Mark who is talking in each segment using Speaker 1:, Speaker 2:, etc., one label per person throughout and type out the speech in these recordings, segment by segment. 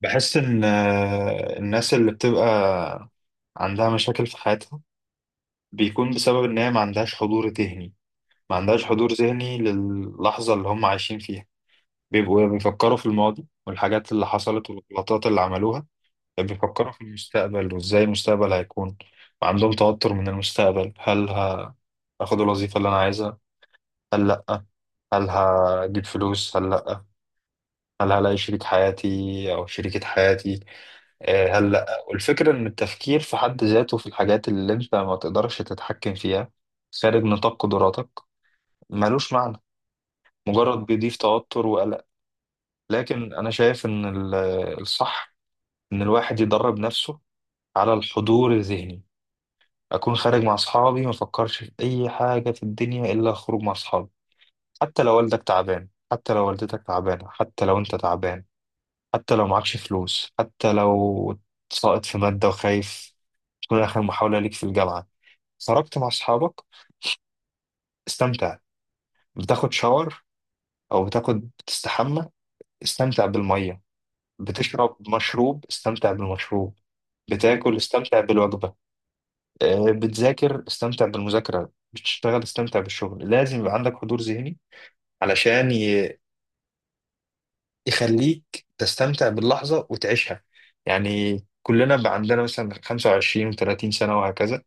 Speaker 1: بحس إن الناس اللي بتبقى عندها مشاكل في حياتها بيكون بسبب إن هي ما عندهاش حضور ذهني، ما عندهاش حضور ذهني للحظة اللي هم عايشين فيها. بيبقوا بيفكروا في الماضي والحاجات اللي حصلت والغلطات اللي عملوها، بيفكروا في المستقبل وإزاي المستقبل هيكون، وعندهم توتر من المستقبل. هاخد الوظيفة اللي أنا عايزها هل لأ؟ هل هجيب فلوس هل لأ؟ هل هلاقي شريك حياتي أو شريكة حياتي؟ هلا، والفكرة إن التفكير في حد ذاته في الحاجات اللي أنت ما تقدرش تتحكم فيها، خارج نطاق قدراتك، ملوش معنى، مجرد بيضيف توتر وقلق. لكن أنا شايف إن الصح إن الواحد يدرب نفسه على الحضور الذهني. أكون خارج مع أصحابي، ما أفكرش في أي حاجة في الدنيا إلا أخرج مع أصحابي. حتى لو والدك تعبان، حتى لو والدتك تعبانة، حتى لو أنت تعبان، حتى لو معكش فلوس، حتى لو ساقط في مادة وخايف تكون آخر محاولة ليك في الجامعة. خرجت مع اصحابك، استمتع. بتاخد شاور او بتستحمى، استمتع بالميه. بتشرب مشروب، استمتع بالمشروب. بتاكل، استمتع بالوجبه. بتذاكر استمتع بالمذاكره، بتشتغل استمتع بالشغل. لازم يبقى عندك حضور ذهني علشان يخليك تستمتع باللحظه وتعيشها. يعني كلنا بقى عندنا مثلا 25 و30 سنه وهكذا.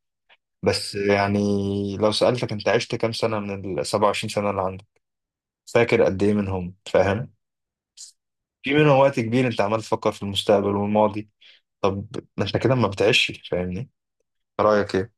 Speaker 1: بس يعني لو سألتك انت عشت كام سنه من ال 27 سنه اللي عندك؟ فاكر قد ايه منهم؟ فاهم؟ في منهم وقت كبير انت عمال تفكر في المستقبل والماضي. طب ما احنا كده ما بتعيش، فاهمني؟ رأيك ايه؟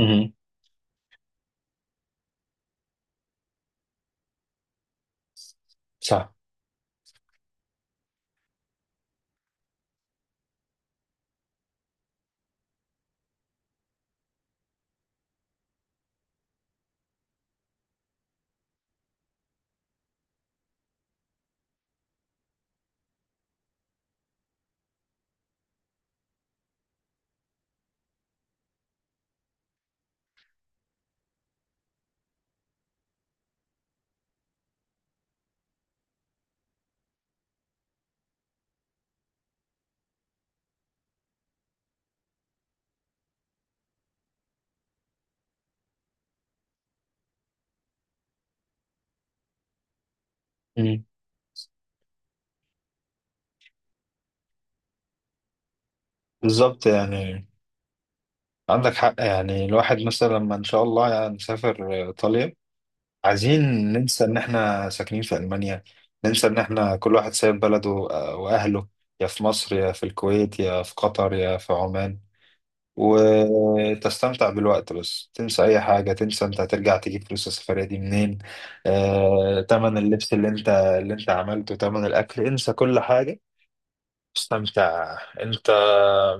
Speaker 1: امم. صح. امم. بالظبط يعني، عندك حق يعني. الواحد مثلا لما ان شاء الله يعني نسافر ايطاليا، عايزين ننسى ان احنا ساكنين في المانيا، ننسى ان احنا كل واحد سايب بلده واهله، يا في مصر يا في الكويت يا في قطر يا في عمان. وتستمتع بالوقت، بس تنسى اي حاجه. تنسى انت هترجع تجيب فلوس السفريه دي منين، تمن اللبس اللي انت اللي انت عملته، تمن الاكل. انسى كل حاجه، استمتع انت.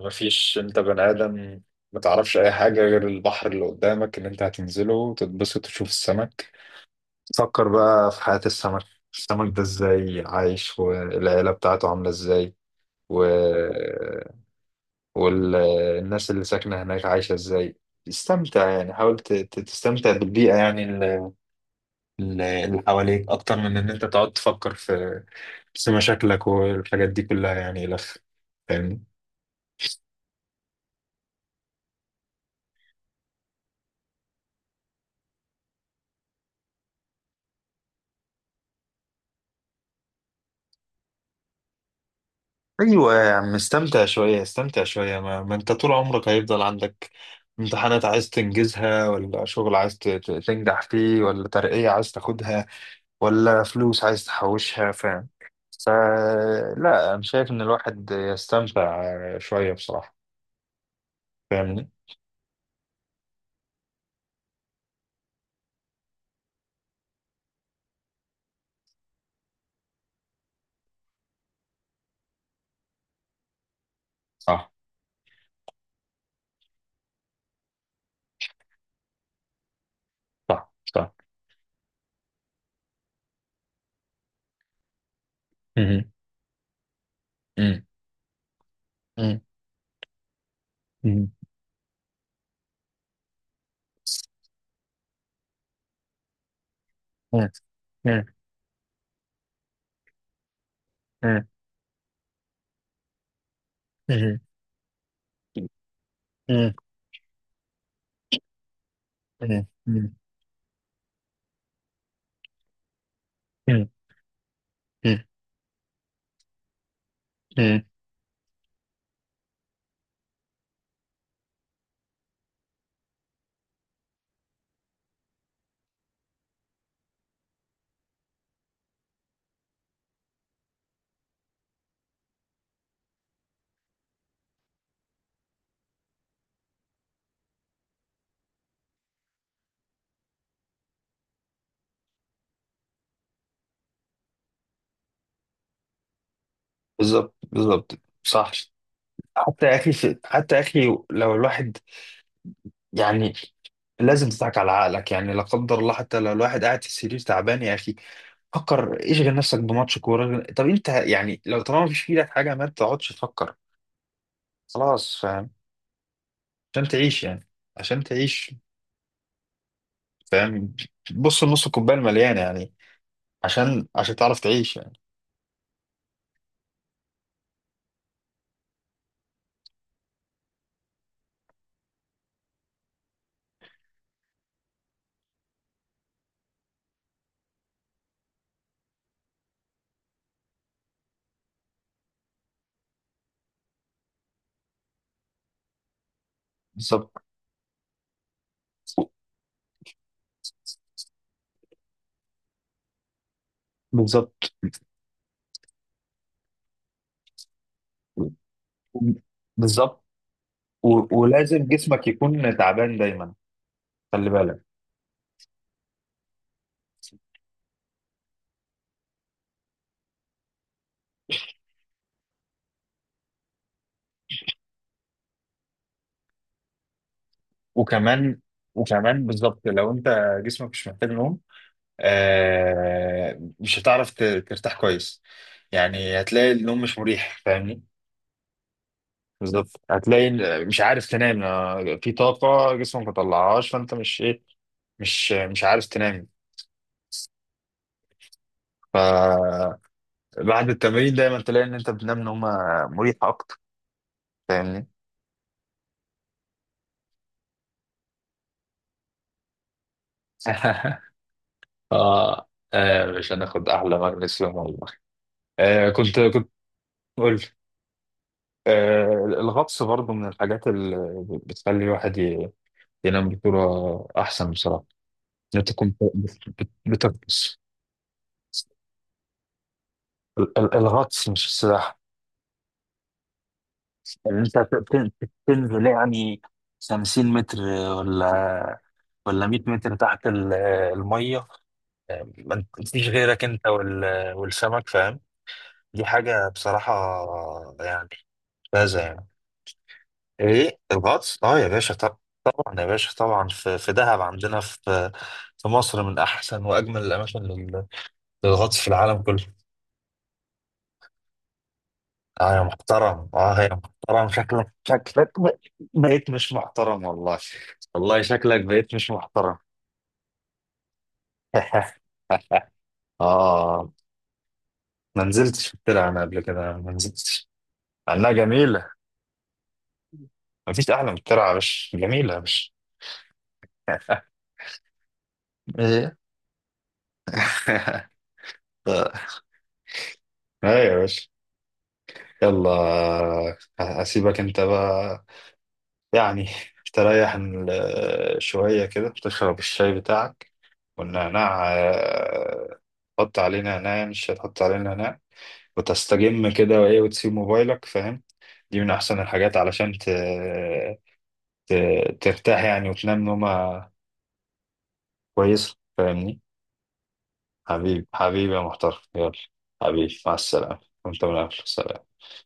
Speaker 1: مفيش، انت بني ادم، ما تعرفش اي حاجه غير البحر اللي قدامك اللي انت هتنزله وتتبسط وتشوف السمك. فكر بقى في حياه السمك، السمك ده ازاي عايش والعيله بتاعته عامله ازاي، و والناس اللي ساكنة هناك عايشة ازاي. استمتع يعني، حاول تستمتع بالبيئة، يعني اللي حواليك أكتر من إن أنت تقعد تفكر في مشاكلك والحاجات دي كلها، يعني لف، فاهمني؟ أيوة يا عم، استمتع شوية، استمتع شوية. ما أنت طول عمرك هيفضل عندك امتحانات عايز تنجزها، ولا شغل عايز تنجح فيه، ولا ترقية عايز تاخدها، ولا فلوس عايز تحوشها، فاهم؟ فلا أنا شايف إن الواحد يستمتع شوية بصراحة، فاهمني؟ صح. صح. صح. مهم. مم. مم. مم. مم. مم. مم. مم. مم. مم. مم. مم. مم. بالظبط، بالظبط، صح. حتى يا أخي، حتى يا أخي لو الواحد يعني لازم تضحك على عقلك يعني. لا قدر الله حتى لو الواحد قاعد في السرير تعبان يا اخي، فكر، اشغل نفسك بماتش كورة. طب انت يعني لو طالما مفيش في ايدك حاجة ما تقعدش تفكر. خلاص، فاهم؟ عشان تعيش يعني، عشان تعيش، فاهم؟ بص لنص الكوباية المليانة يعني، عشان تعرف تعيش يعني. بالظبط. بالظبط. بالظبط و... ولازم جسمك يكون تعبان دايما، خلي بالك. وكمان، وكمان بالظبط لو انت جسمك مش محتاج نوم، مش هتعرف ترتاح كويس يعني، هتلاقي النوم مش مريح، فاهمني؟ بالظبط هتلاقي مش عارف تنام، في طاقة جسمك ما طلعهاش فانت مش ايه، مش عارف تنام. فبعد التمرين دايما تلاقي ان انت بتنام نومة مريحة اكتر، فاهمني؟ آه. مش هناخد احلى مغنيسيوم والله. آه، كنت. قول. آه، الغطس برضو من الحاجات اللي بتخلي الواحد ينام بصورة احسن بصراحة، ان انت تكون بتغطس. الغطس مش السباحة. يعني انت تن- تنزل يعني 50 متر، ولا ولا 100 متر تحت الميه، ما فيش غيرك انت والسمك، فاهم؟ دي حاجه بصراحه يعني ممتازه يعني. ايه الغطس؟ اه يا باشا، طب طبعا يا باشا، طبعا، في دهب عندنا، في في مصر من احسن واجمل الاماكن للغطس في العالم كله. اه يا محترم، اه يا محترم، شكلك شكلك بقيت مش محترم والله. والله شكلك بقيت مش محترم. اه. ما نزلتش في الترعة انا، قبل كده ما نزلتش، انها جميلة. ما فيش احلى من الترعة يا باشا، جميلة يا باشا. ايه؟ آه، ايوه يا باشا، يلا. اسيبك انت بقى يعني تريح شوية كده، تشرب الشاي بتاعك والنعناع. حط عليه نعناع، مش هتحط عليه نعناع، وتستجم كده، وايه، وتسيب موبايلك، فاهم؟ دي من احسن الحاجات علشان ت... ترتاح يعني، وتنام نومة كويسة، فاهمني؟ حبيبي يا محترم، يلا. حبيبي مع السلامة، وانت من أهل السلامة.